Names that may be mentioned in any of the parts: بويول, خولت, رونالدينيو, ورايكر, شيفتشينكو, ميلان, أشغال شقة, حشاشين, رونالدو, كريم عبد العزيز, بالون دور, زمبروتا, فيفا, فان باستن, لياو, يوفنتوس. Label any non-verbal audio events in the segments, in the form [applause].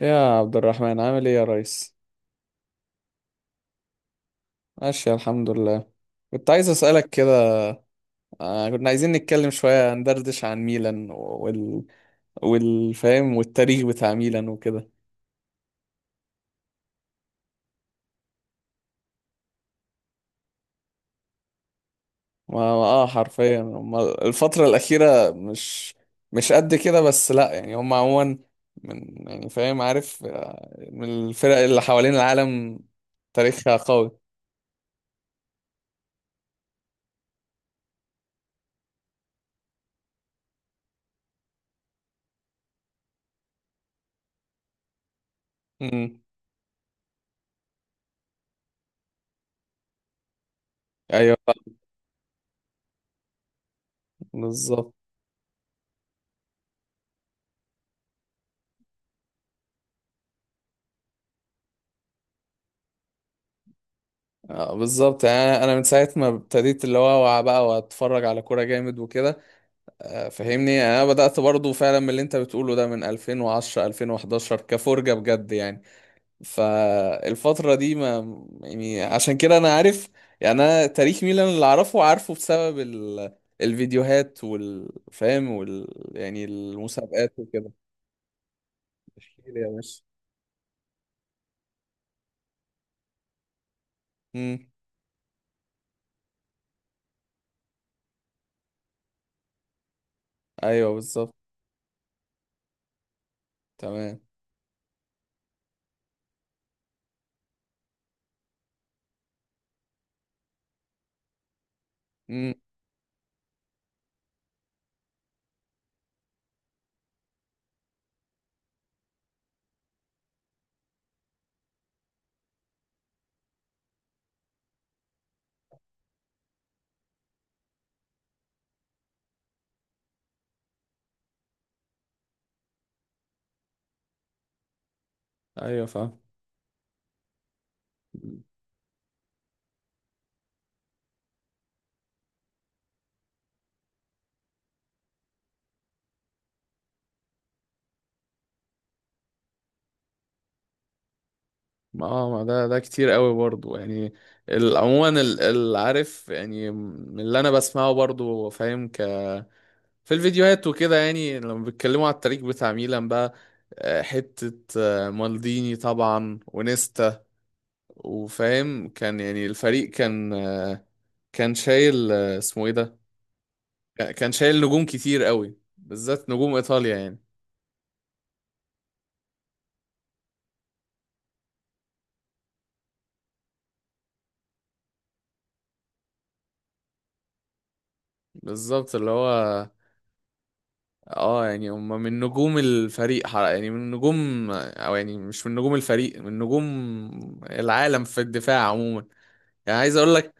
يا عبد الرحمن، عامل ايه يا ريس؟ ماشي الحمد لله. كنت عايز اسالك كده. كنا عايزين نتكلم شويه، ندردش عن ميلان والفهم والتاريخ بتاع ميلان وكده. حرفيا هما الفتره الاخيره مش قد كده، بس لا، يعني هم عموما من يعني، فاهم؟ عارف من الفرق اللي حوالين العالم، تاريخها قوي. امم. ايوه بالظبط. بالظبط. يعني انا من ساعه ما ابتديت اللي هو، اوعى بقى واتفرج على كوره جامد وكده. فاهمني، انا بدات برضو فعلا من اللي انت بتقوله ده، من 2010 2011 كفرجه بجد يعني. فالفتره دي ما يعني، عشان كده انا عارف يعني. انا تاريخ ميلان اللي اعرفه، عارفه بسبب الفيديوهات والفهم يعني المسابقات وكده. تشكيل يا باشا. امم. ايوه بالظبط. تمام. امم. ايوه فاهم. ما آه، ما ده كتير قوي برضو يعني. عموما العارف يعني، من اللي انا بسمعه برضو، فاهم؟ ك في الفيديوهات وكده، يعني لما بيتكلموا على التاريخ بتاع ميلان بقى، حتة مالديني طبعا ونيستا، وفاهم كان يعني، الفريق كان كان شايل، اسمه ايه ده، كان شايل نجوم كتير قوي، بالذات نجوم ايطاليا يعني. بالظبط، اللي هو اه، يعني هم من نجوم الفريق يعني من نجوم، او يعني مش من نجوم الفريق، من نجوم العالم في الدفاع عموما. يعني عايز اقول لك،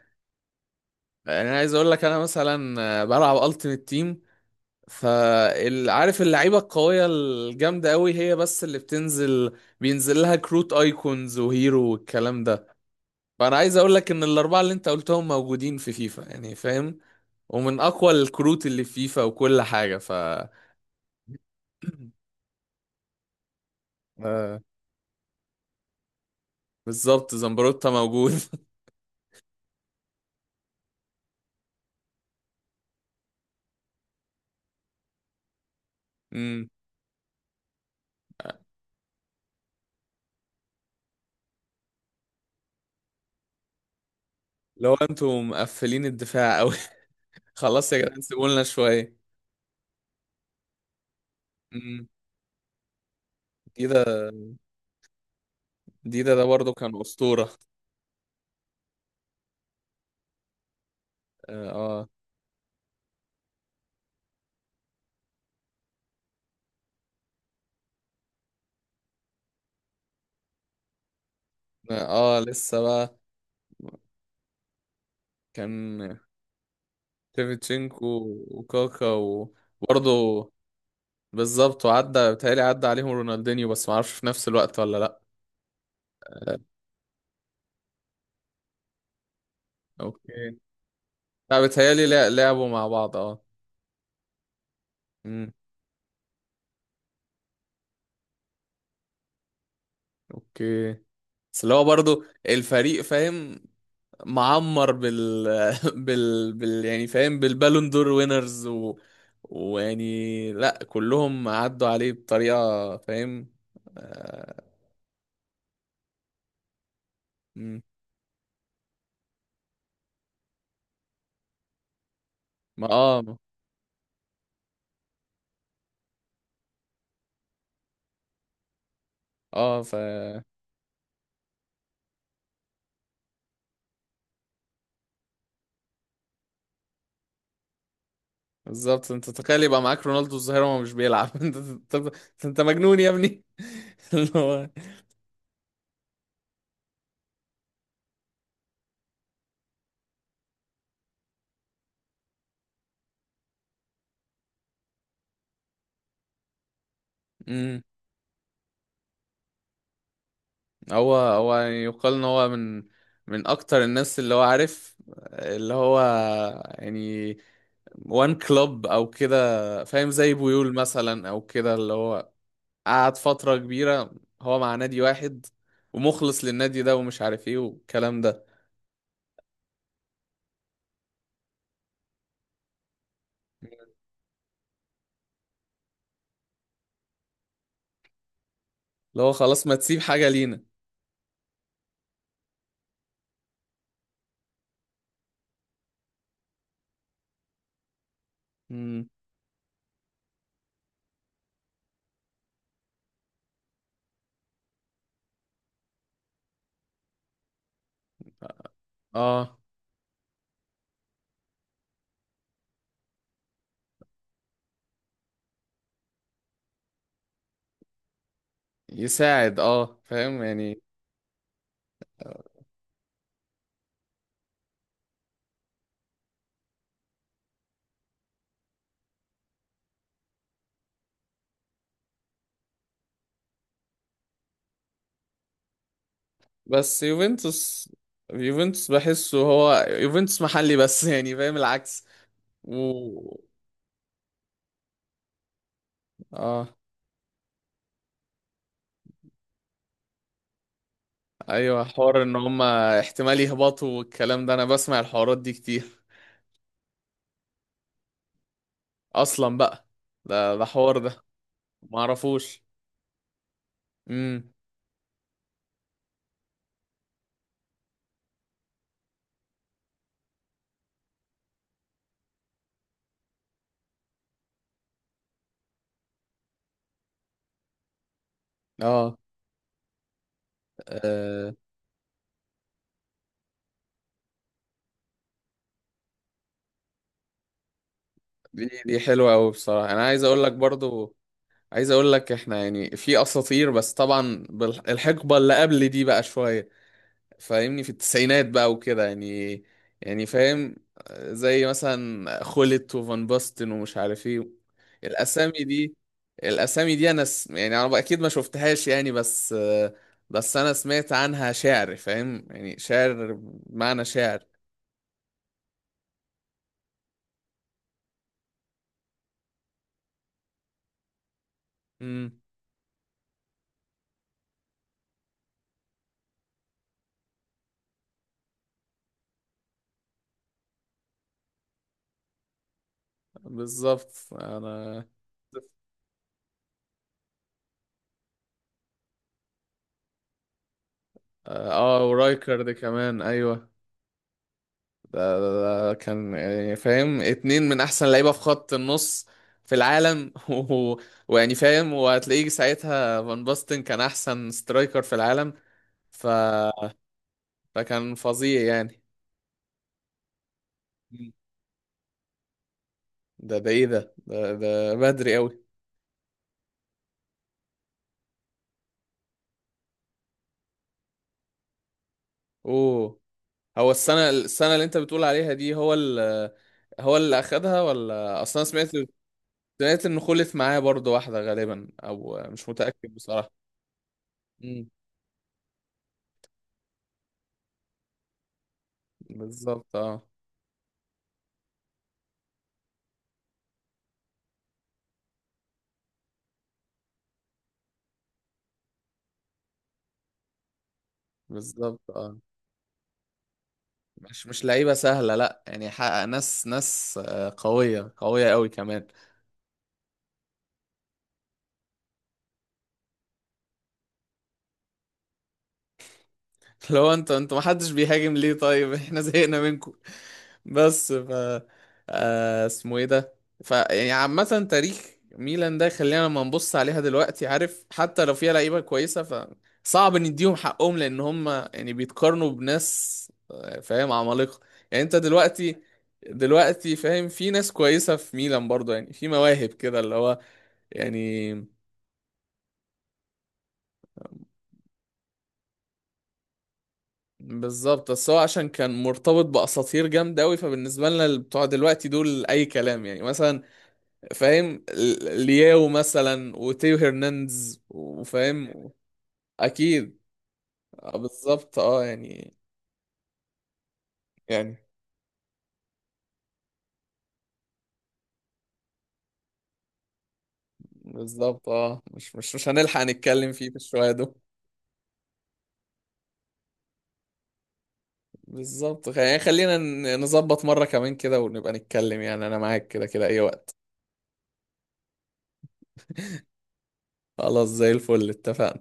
يعني عايز اقول لك، انا مثلا بلعب التيمت تيم، فعارف اللعيبه القويه الجامده قوي، هي بس اللي بتنزل بينزل لها كروت ايكونز وهيرو والكلام ده. فانا عايز اقول لك ان الاربعه اللي انت قلتهم موجودين في فيفا، يعني فاهم؟ ومن اقوى الكروت اللي في فيفا وكل حاجه. ف [clears throat] آه، بالظبط، زمبروتا موجود. [laughs] امم. لو انتوا مقفلين الدفاع قوي، [laughs] خلاص يا جدعان، سيبوا لنا شويه. امم. ديدا. ديدا ده برضه كان اسطوره. اه. اه. لسه بقى. كان شيفتشينكو وكاكا، وبرضه بالظبط. وعدى بيتهيألي عدى عليهم رونالدينيو، بس معرفش في نفس الوقت ولا لا. آه، اوكي. لا، بيتهيألي لعبوا مع بعض اه. امم. اوكي. بس اللي هو برضه الفريق، فاهم؟ معمر بال، [laughs] يعني فاهم بالبالون دور وينرز و... ويعني لا، كلهم عدوا عليه بطريقة، فاهم؟ آه... مم. ما اه. اه ف. بالظبط، انت تخيل يبقى معاك رونالدو الظاهرة وهو مش بيلعب! [laughs] انت، انت، انت مجنون يا ابني. [laughs] اللي هو. امم. هو يعني، يقال ان هو من من اكتر الناس اللي هو عارف، اللي هو يعني، وان كلوب او كده فاهم، زي بويول مثلا او كده، اللي هو قعد فترة كبيرة هو مع نادي واحد ومخلص للنادي ده ومش عارف ايه والكلام ده. اللي هو خلاص، ما تسيب حاجة لينا. مم. اه. يساعد اه، فاهم يعني. بس يوفنتوس، يوفنتوس بحسه هو، يوفنتوس محلي بس، [laughs] يعني فاهم العكس، و اه. ايوه، حوار ان هما احتمال يهبطوا والكلام ده، انا بسمع الحوارات دي كتير اصلا بقى. ده حوار ده، ما اعرفوش. امم. اه. آه، دي دي حلوه قوي بصراحه. انا عايز اقول لك برضو، عايز اقول لك، احنا يعني في اساطير، بس طبعا الحقبه اللي قبل دي بقى شويه. فاهمني في التسعينات بقى وكده يعني، يعني فاهم، زي مثلا خولت وفان باستن ومش عارف ايه. الاسامي دي، الاسامي دي انا يعني انا اكيد ما شفتهاش يعني، بس انا سمعت عنها شعر، فاهم يعني؟ شعر بمعنى شعر. امم. بالظبط. انا اه، ورايكر ده كمان ايوه. ده كان يعني فاهم، اتنين من احسن لعيبه في خط النص في العالم. [laughs] و ويعني فاهم، وهتلاقيه ساعتها فان باستن كان احسن سترايكر في العالم. ف... فكان فظيع يعني. مم. ده ايه؟ ده بدري قوي. اوه. هو السنه اللي انت بتقول عليها دي، هو ال... هو اللي اخدها؟ ولا اصلا، سمعت، سمعت انه خلف معاه برضه واحده غالبا، او مش متاكد بصراحه. امم. بالظبط اه. بالظبط اه. مش لعيبه سهله لا، يعني حقق ناس، ناس قويه قويه قوي كمان. [laughs] لو انت، انت ما حدش بيهاجم ليه طيب؟ احنا [laughs] زهقنا منكم. بس ف اسمه ايه ده، ف يعني عامه، تاريخ ميلان ده خلينا لما نبص عليها دلوقتي، عارف؟ حتى لو فيها لعيبه كويسه، ف صعب نديهم حقهم، لان هم يعني بيتقارنوا بناس فاهم عمالقه. يعني انت دلوقتي، دلوقتي فاهم، في ناس كويسه في ميلان برضه، يعني في مواهب كده، اللي هو يعني بالظبط. بس هو عشان كان مرتبط باساطير جامده قوي، فبالنسبه لنا اللي بتوع دلوقتي دول اي كلام، يعني مثلا فاهم، لياو مثلا وتيو هرنانديز وفاهم اكيد. بالظبط اه، يعني يعني بالظبط اه. مش هنلحق نتكلم فيه في الشويه دول. بالظبط، يعني خلينا نظبط مره كمان كده، ونبقى نتكلم يعني، انا معاك كده كده اي وقت. خلاص زي الفل، اتفقنا.